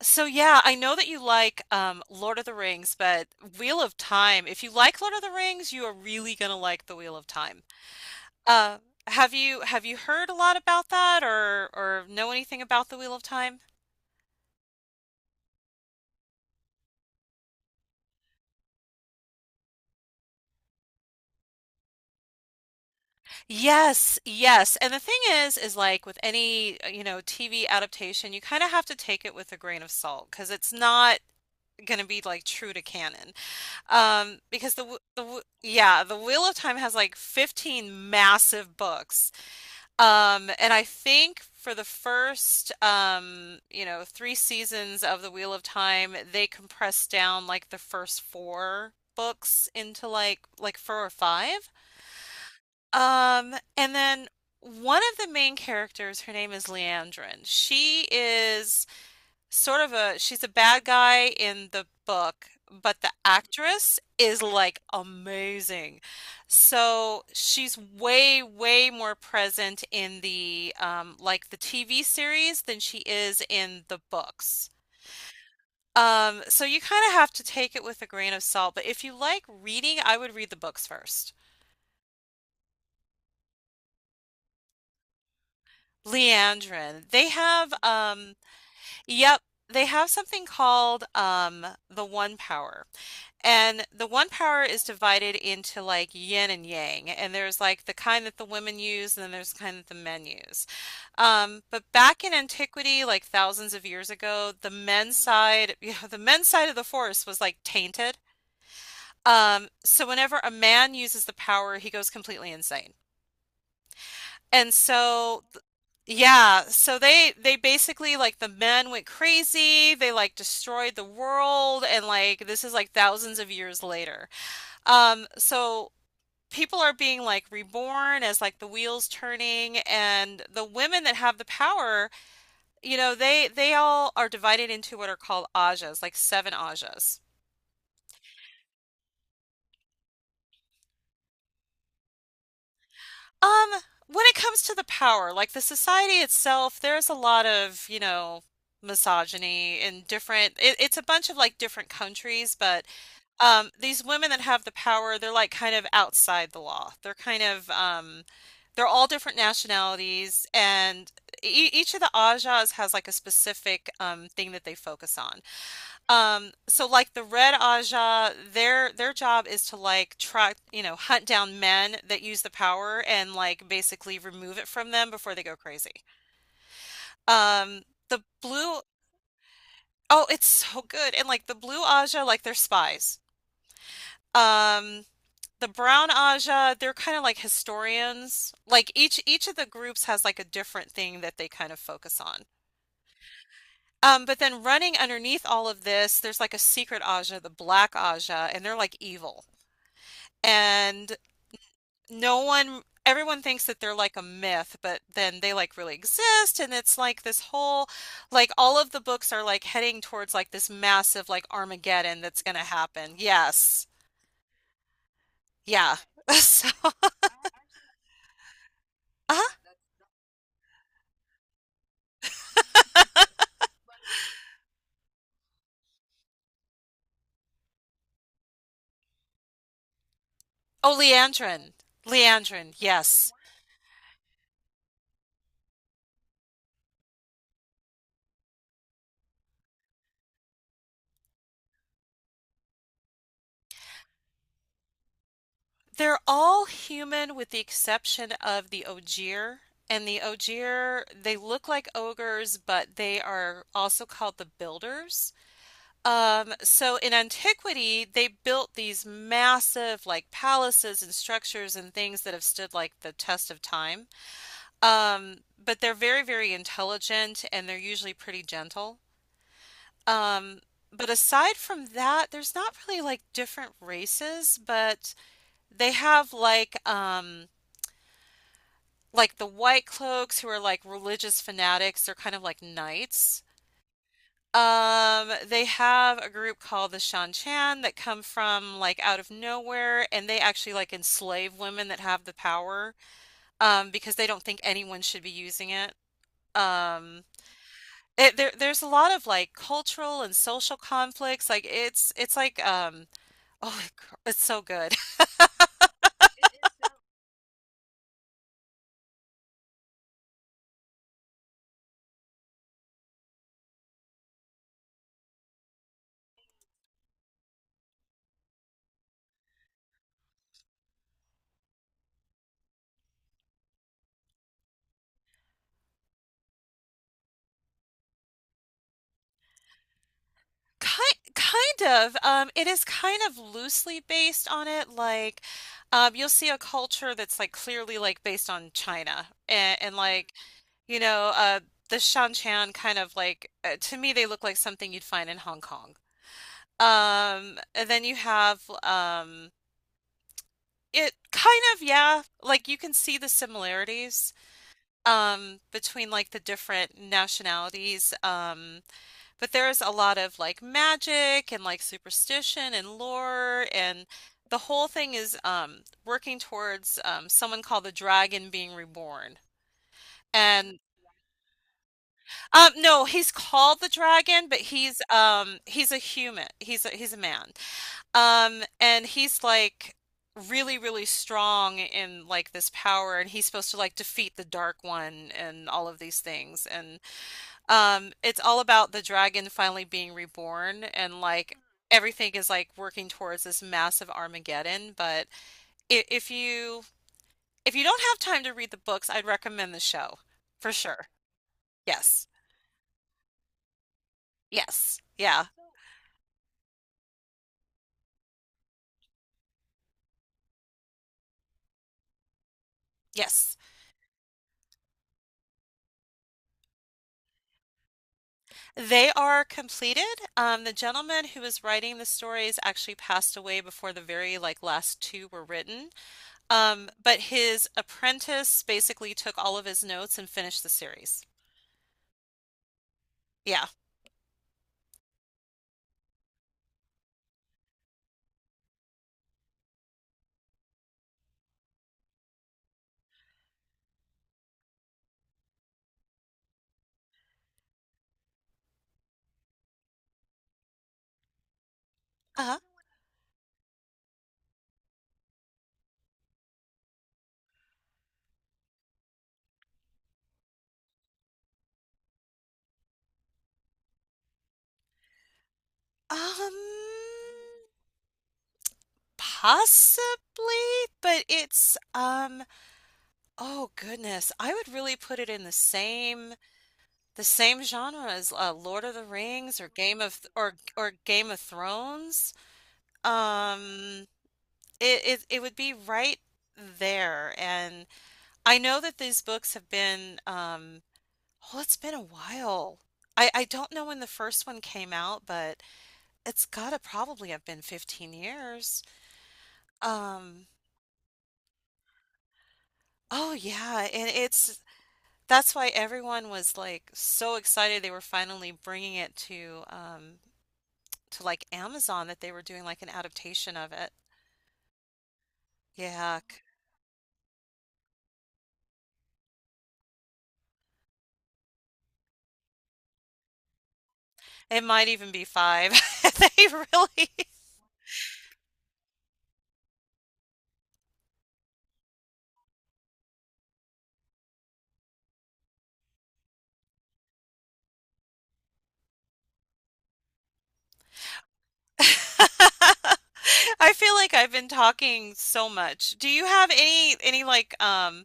So yeah, I know that you like Lord of the Rings, but Wheel of Time. If you like Lord of the Rings, you are really gonna like the Wheel of Time. Uh, have you heard a lot about that or know anything about the Wheel of Time? Yes. And the thing is like with any, you know, TV adaptation, you kind of have to take it with a grain of salt because it's not going to be like true to canon. Because the Wheel of Time has like 15 massive books. And I think for the first, you know, three seasons of The Wheel of Time, they compressed down like the first four books into like four or five. And then one of the main characters, her name is Leandrin. She is sort of a she's a bad guy in the book, but the actress is like amazing. So she's way, way more present in the like the TV series than she is in the books. So you kind of have to take it with a grain of salt, but if you like reading, I would read the books first. Leandrin. They have yep, they have something called the One Power. And the one power is divided into like yin and yang, and there's like the kind that the women use, and then there's the kind that the men use. But back in antiquity, like thousands of years ago, the men's side, the men's side of the force was like tainted. So whenever a man uses the power, he goes completely insane. And so, yeah, so they basically like the men went crazy. They like destroyed the world, and like this is like thousands of years later. So people are being like reborn as like the wheels turning and the women that have the power, they all are divided into what are called ajas, like seven ajas. Um, when it comes to the power, like the society itself, there's a lot of, misogyny in different it's a bunch of like different countries, but these women that have the power, they're like kind of outside the law. They're kind of, they're all different nationalities, and e each of the Ajahs has like a specific thing that they focus on. So like the Red Ajah, their job is to like try, you know, hunt down men that use the power and like basically remove it from them before they go crazy. Um, the Blue, oh, it's so good, and like the Blue Ajah, like they're spies. Um, The Brown Aja, they're kind of like historians. Like each of the groups has like a different thing that they kind of focus on. But then running underneath all of this, there's like a secret Aja, the Black Aja, and they're like evil. And no one, everyone thinks that they're like a myth, but then they like really exist. And it's like like all of the books are like heading towards like this massive like Armageddon that's going to happen. Yes. Yeah. So, uh-huh. Oh, Leandrin. Leandrin, yes. They're all human with the exception of the Ogier. And the Ogier, they look like ogres, but they are also called the builders. So in antiquity, they built these massive like palaces and structures and things that have stood like the test of time. But they're very, very intelligent and they're usually pretty gentle. Um, but aside from that, there's not really like different races, but they have like the white cloaks who are like religious fanatics, they're kind of like knights. They have a group called the Shan Chan that come from like out of nowhere, and they actually like enslave women that have the power, because they don't think anyone should be using it. Um, there's a lot of like cultural and social conflicts. Like it's like oh, cr- it's so good. Kind kind of. It is kind of loosely based on it. You'll see a culture that's like clearly like based on China, and like, you know, the Shan Chan kind of like to me they look like something you'd find in Hong Kong. And then you have it kind of yeah, like you can see the similarities between like the different nationalities. But there's a lot of like magic and like superstition and lore and the whole thing is working towards someone called the dragon being reborn. And no, he's called the dragon, but he's a human. He's a man. And he's like really, really strong in like this power and he's supposed to like defeat the dark one and all of these things and it's all about the dragon finally being reborn and like everything is like working towards this massive Armageddon. But if, if you if you don't have time to read the books, I'd recommend the show for sure. Yes. Yes. Yeah. Yes. They are completed. The gentleman who was writing the stories actually passed away before the very like last two were written. But his apprentice basically took all of his notes and finished the series. Yeah. Um, possibly, but it's oh goodness, I would really put it in the same genre as Lord of the Rings or Game of Thrones. Um, it would be right there, and I know that these books have been oh, it's been a while. I don't know when the first one came out, but it's gotta probably have been 15 years. Um, Oh yeah, and it's that's why everyone was like so excited they were finally bringing it to like Amazon that they were doing like an adaptation of it. Yeah, c- it might even be five. They really I feel like I've been talking so much. Do you have any like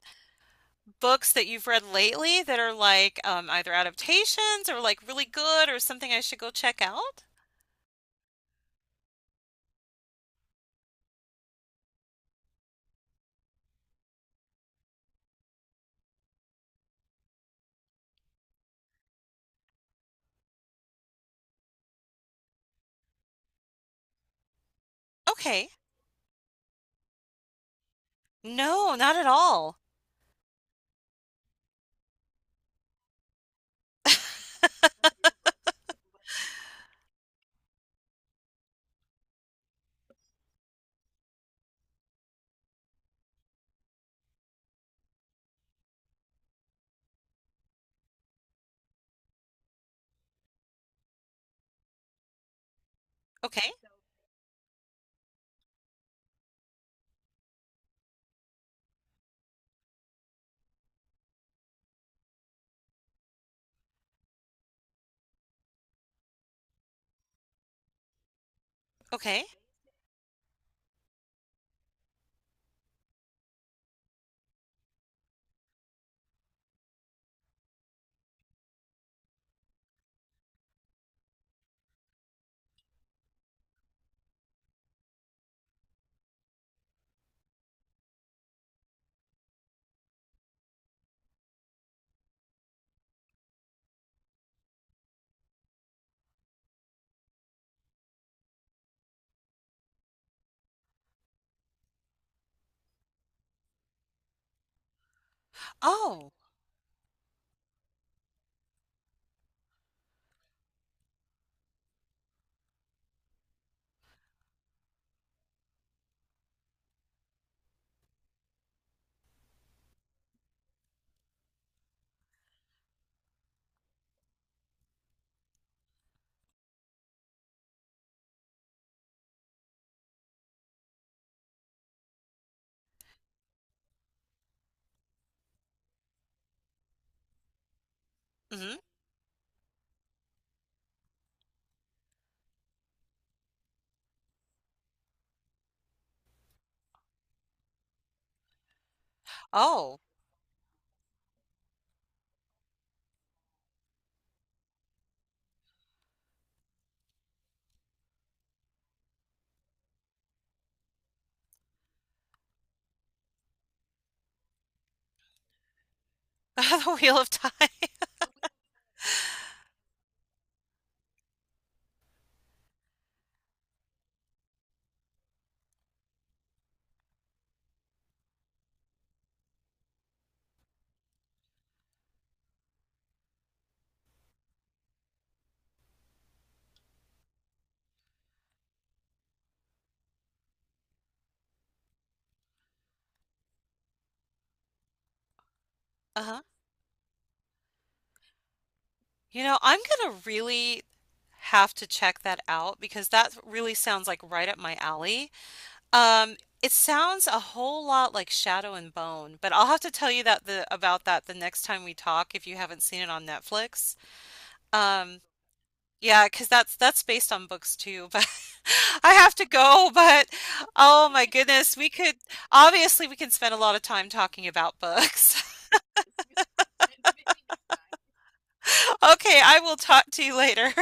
books that you've read lately that are like either adaptations or like really good or something I should go check out? Okay. No, not at all. Okay. Okay. Oh. Mhm. Oh. The Wheel of Time. Uh-huh. You know, I'm gonna really have to check that out because that really sounds like right up my alley. Um, it sounds a whole lot like Shadow and Bone, but I'll have to tell you that the about that the next time we talk if you haven't seen it on Netflix. Um, yeah, because that's based on books too, but I have to go, but oh my goodness, we could obviously we can spend a lot of time talking about books. Okay, I will talk to you later.